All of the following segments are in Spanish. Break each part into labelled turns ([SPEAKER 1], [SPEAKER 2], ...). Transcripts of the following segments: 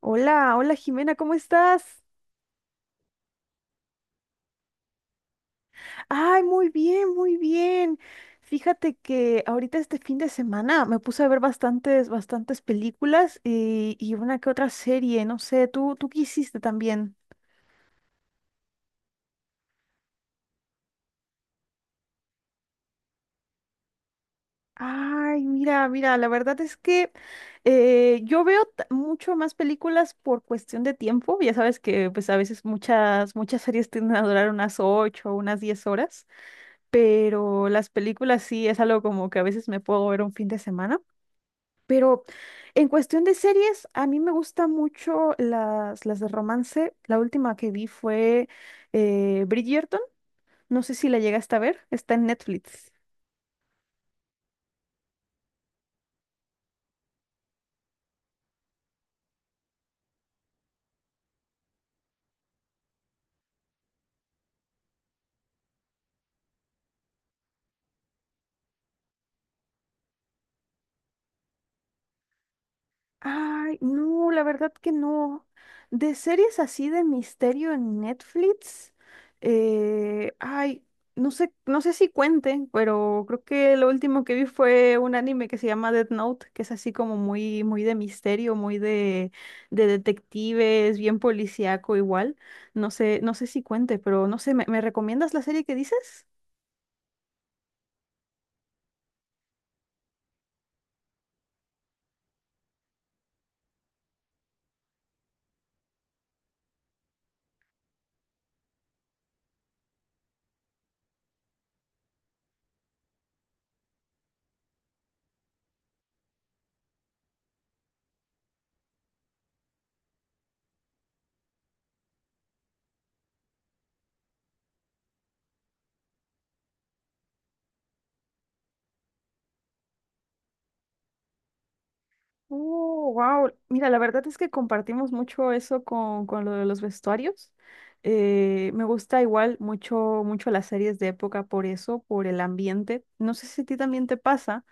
[SPEAKER 1] Hola, hola Jimena, ¿cómo estás? Ay, muy bien, muy bien. Fíjate que ahorita este fin de semana me puse a ver bastantes, bastantes películas y una que otra serie, no sé, ¿tú qué hiciste también? Ay, mira, mira, la verdad es que yo veo mucho más películas por cuestión de tiempo. Ya sabes que pues a veces muchas, muchas series tienden a durar unas 8 o unas 10 horas, pero las películas sí es algo como que a veces me puedo ver un fin de semana. Pero en cuestión de series, a mí me gustan mucho las de romance. La última que vi fue Bridgerton. No sé si la llegaste a ver. Está en Netflix. Ay, no, la verdad que no. De series así de misterio en Netflix, ay, no sé, no sé si cuenten, pero creo que lo último que vi fue un anime que se llama Death Note, que es así como muy, muy de misterio, muy de detectives, bien policíaco igual. No sé, no sé si cuente, pero no sé, ¿me recomiendas la serie que dices? Oh, wow. Mira, la verdad es que compartimos mucho eso con lo de los vestuarios. Me gusta igual mucho, mucho las series de época por eso, por el ambiente. No sé si a ti también te pasa,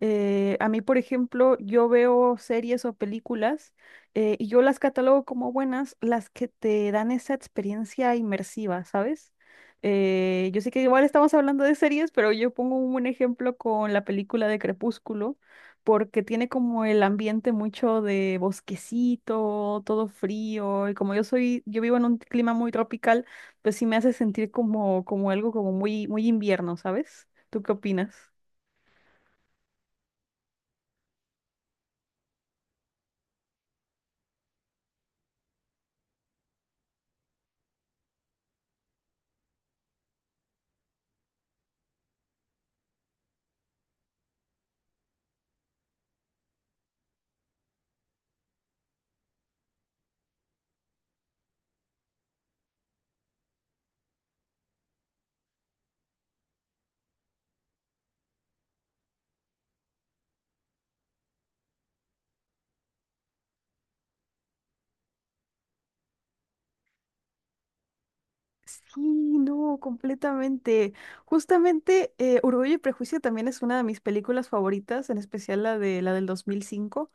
[SPEAKER 1] a mí, por ejemplo, yo veo series o películas y yo las catalogo como buenas, las que te dan esa experiencia inmersiva, ¿sabes? Yo sé que igual estamos hablando de series, pero yo pongo un buen ejemplo con la película de Crepúsculo, porque tiene como el ambiente mucho de bosquecito, todo frío, y como yo vivo en un clima muy tropical, pues sí me hace sentir como, como algo como muy, muy invierno, ¿sabes? ¿Tú qué opinas? Sí, no, completamente. Justamente, Orgullo y Prejuicio también es una de mis películas favoritas, en especial la del 2005.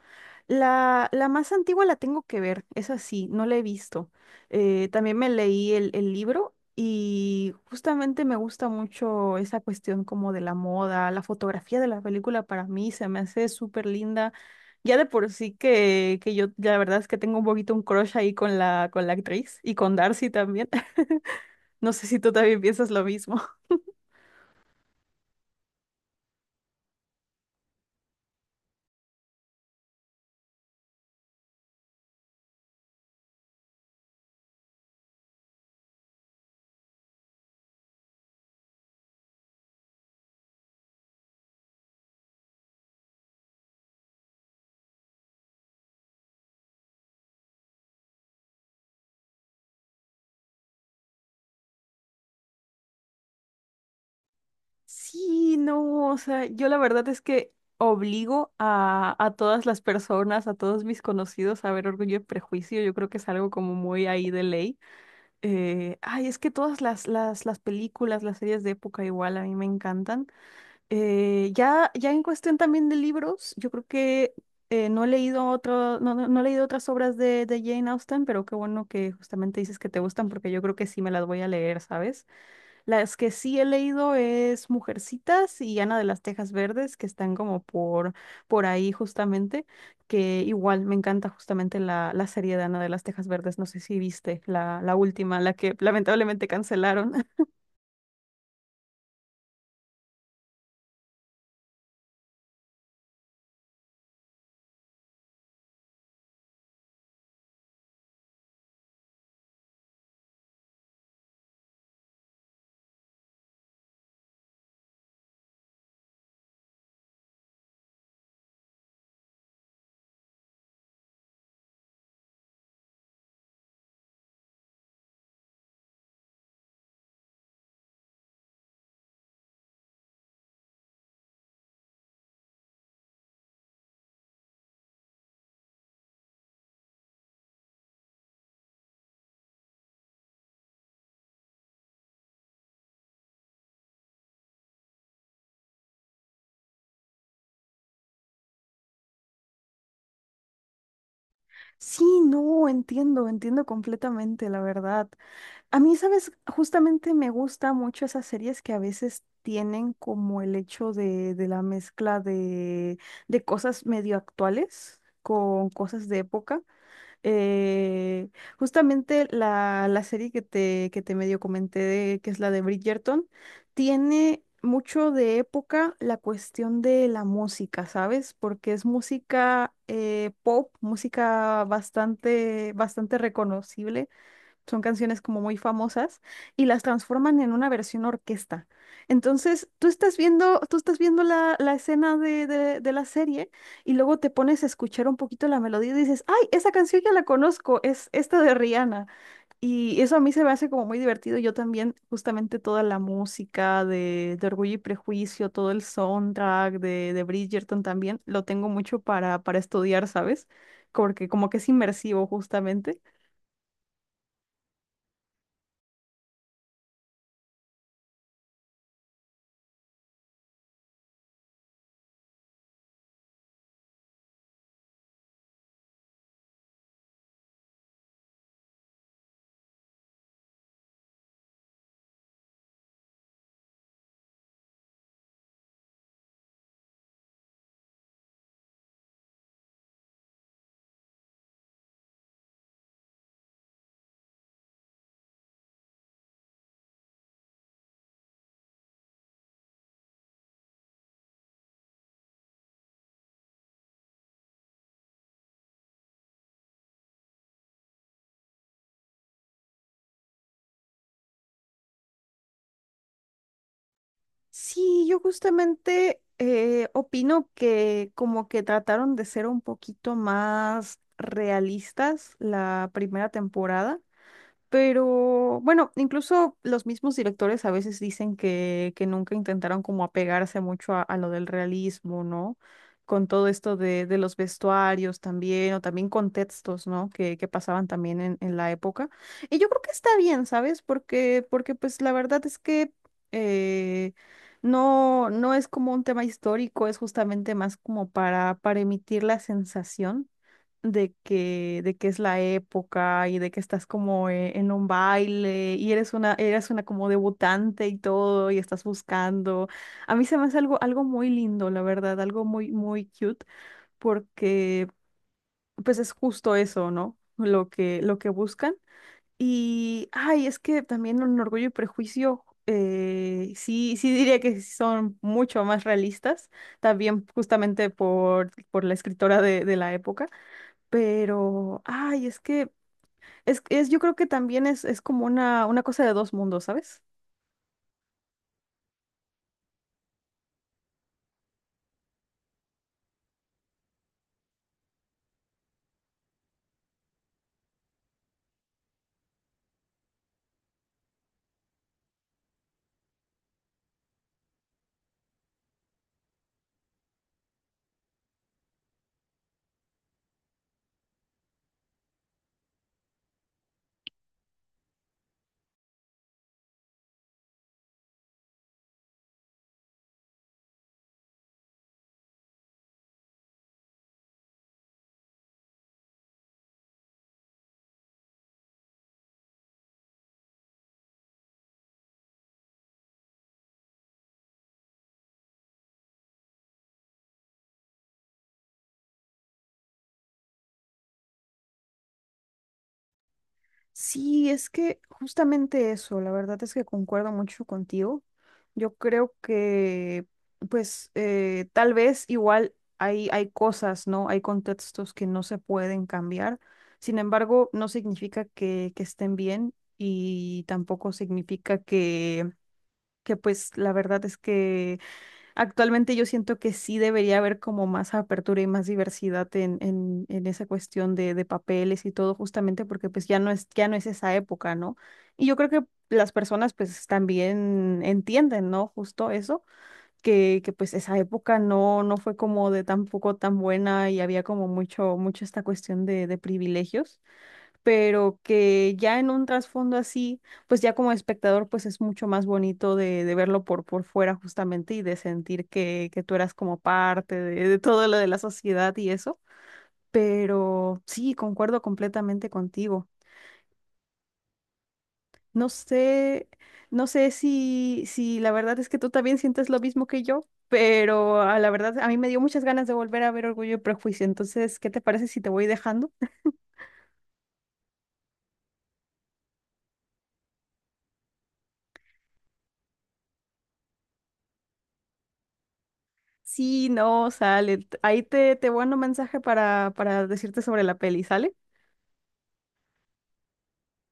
[SPEAKER 1] La más antigua la tengo que ver, es así, no la he visto. También me leí el libro y justamente me gusta mucho esa cuestión como de la moda, la fotografía de la película para mí se me hace súper linda. Ya de por sí que yo, la verdad es que tengo un poquito un crush ahí con la actriz y con Darcy también. No sé si tú también piensas lo mismo. Sí, no, o sea, yo la verdad es que obligo a todas las personas, a todos mis conocidos a ver Orgullo y Prejuicio. Yo creo que es algo como muy ahí de ley. Ay, es que todas las películas, las series de época igual a mí me encantan. Ya, ya en cuestión también de libros, yo creo que no he leído otro, no he leído otras obras de Jane Austen, pero qué bueno que justamente dices que te gustan porque yo creo que sí me las voy a leer, ¿sabes? Las que sí he leído es Mujercitas y Ana de las Tejas Verdes, que están como por ahí justamente, que igual me encanta justamente la serie de Ana de las Tejas Verdes, no sé si viste la última, la que lamentablemente cancelaron. Sí, no, entiendo, entiendo completamente, la verdad. A mí, sabes, justamente me gusta mucho esas series que a veces tienen como el hecho de la mezcla de cosas medio actuales con cosas de época. Eh, Justamente la serie que te medio comenté, que es la de Bridgerton, tiene mucho de época la cuestión de la música, ¿sabes? Porque es música pop, música bastante, bastante reconocible son canciones como muy famosas y las transforman en una versión orquesta. Entonces, tú estás viendo la escena de la serie y luego te pones a escuchar un poquito la melodía y dices, ay, esa canción ya la conozco, es esta de Rihanna. Y eso a mí se me hace como muy divertido. Yo también, justamente toda la música de Orgullo y Prejuicio, todo el soundtrack de Bridgerton también, lo tengo mucho para estudiar, ¿sabes? Porque como que es inmersivo justamente. Sí, yo justamente opino que como que trataron de ser un poquito más realistas la primera temporada. Pero bueno, incluso los mismos directores a veces dicen que nunca intentaron como apegarse mucho a lo del realismo, ¿no? Con todo esto de los vestuarios también, o también contextos, ¿no? Que pasaban también en la época. Y yo creo que está bien, ¿sabes? Porque, porque pues la verdad es que eh, no es como un tema histórico, es justamente más como para emitir la sensación de que es la época y de que estás como en un baile y eres una como debutante y todo y estás buscando. A mí se me hace algo muy lindo, la verdad, algo muy, muy cute porque pues es justo eso, ¿no? Lo que buscan. Y, ay, es que también en Orgullo y Prejuicio, sí diría que sí son mucho más realistas, también justamente por la escritora de la época. Pero, ay, es que, yo creo que también es como una cosa de dos mundos, ¿sabes? Sí, es que justamente eso, la verdad es que concuerdo mucho contigo. Yo creo que, pues, tal vez igual hay cosas, ¿no? Hay contextos que no se pueden cambiar. Sin embargo, no significa que estén bien y tampoco significa pues, la verdad es que actualmente yo siento que sí debería haber como más apertura y más diversidad en esa cuestión de papeles y todo, justamente porque pues ya no es esa época, ¿no? Y yo creo que las personas pues también entienden, ¿no? Justo eso, que pues esa época no fue como de tampoco tan buena y había como mucho, mucho esta cuestión de privilegios pero que ya en un trasfondo así, pues ya como espectador, pues es mucho más bonito de verlo por fuera justamente y de sentir que tú eras como parte de todo lo de la sociedad y eso. Pero sí, concuerdo completamente contigo. No sé, no sé si la verdad es que tú también sientes lo mismo que yo, pero a la verdad a mí me dio muchas ganas de volver a ver Orgullo y Prejuicio. Entonces, ¿qué te parece si te voy dejando? Sí, no, sale. Ahí te mando un mensaje para decirte sobre la peli, ¿sale?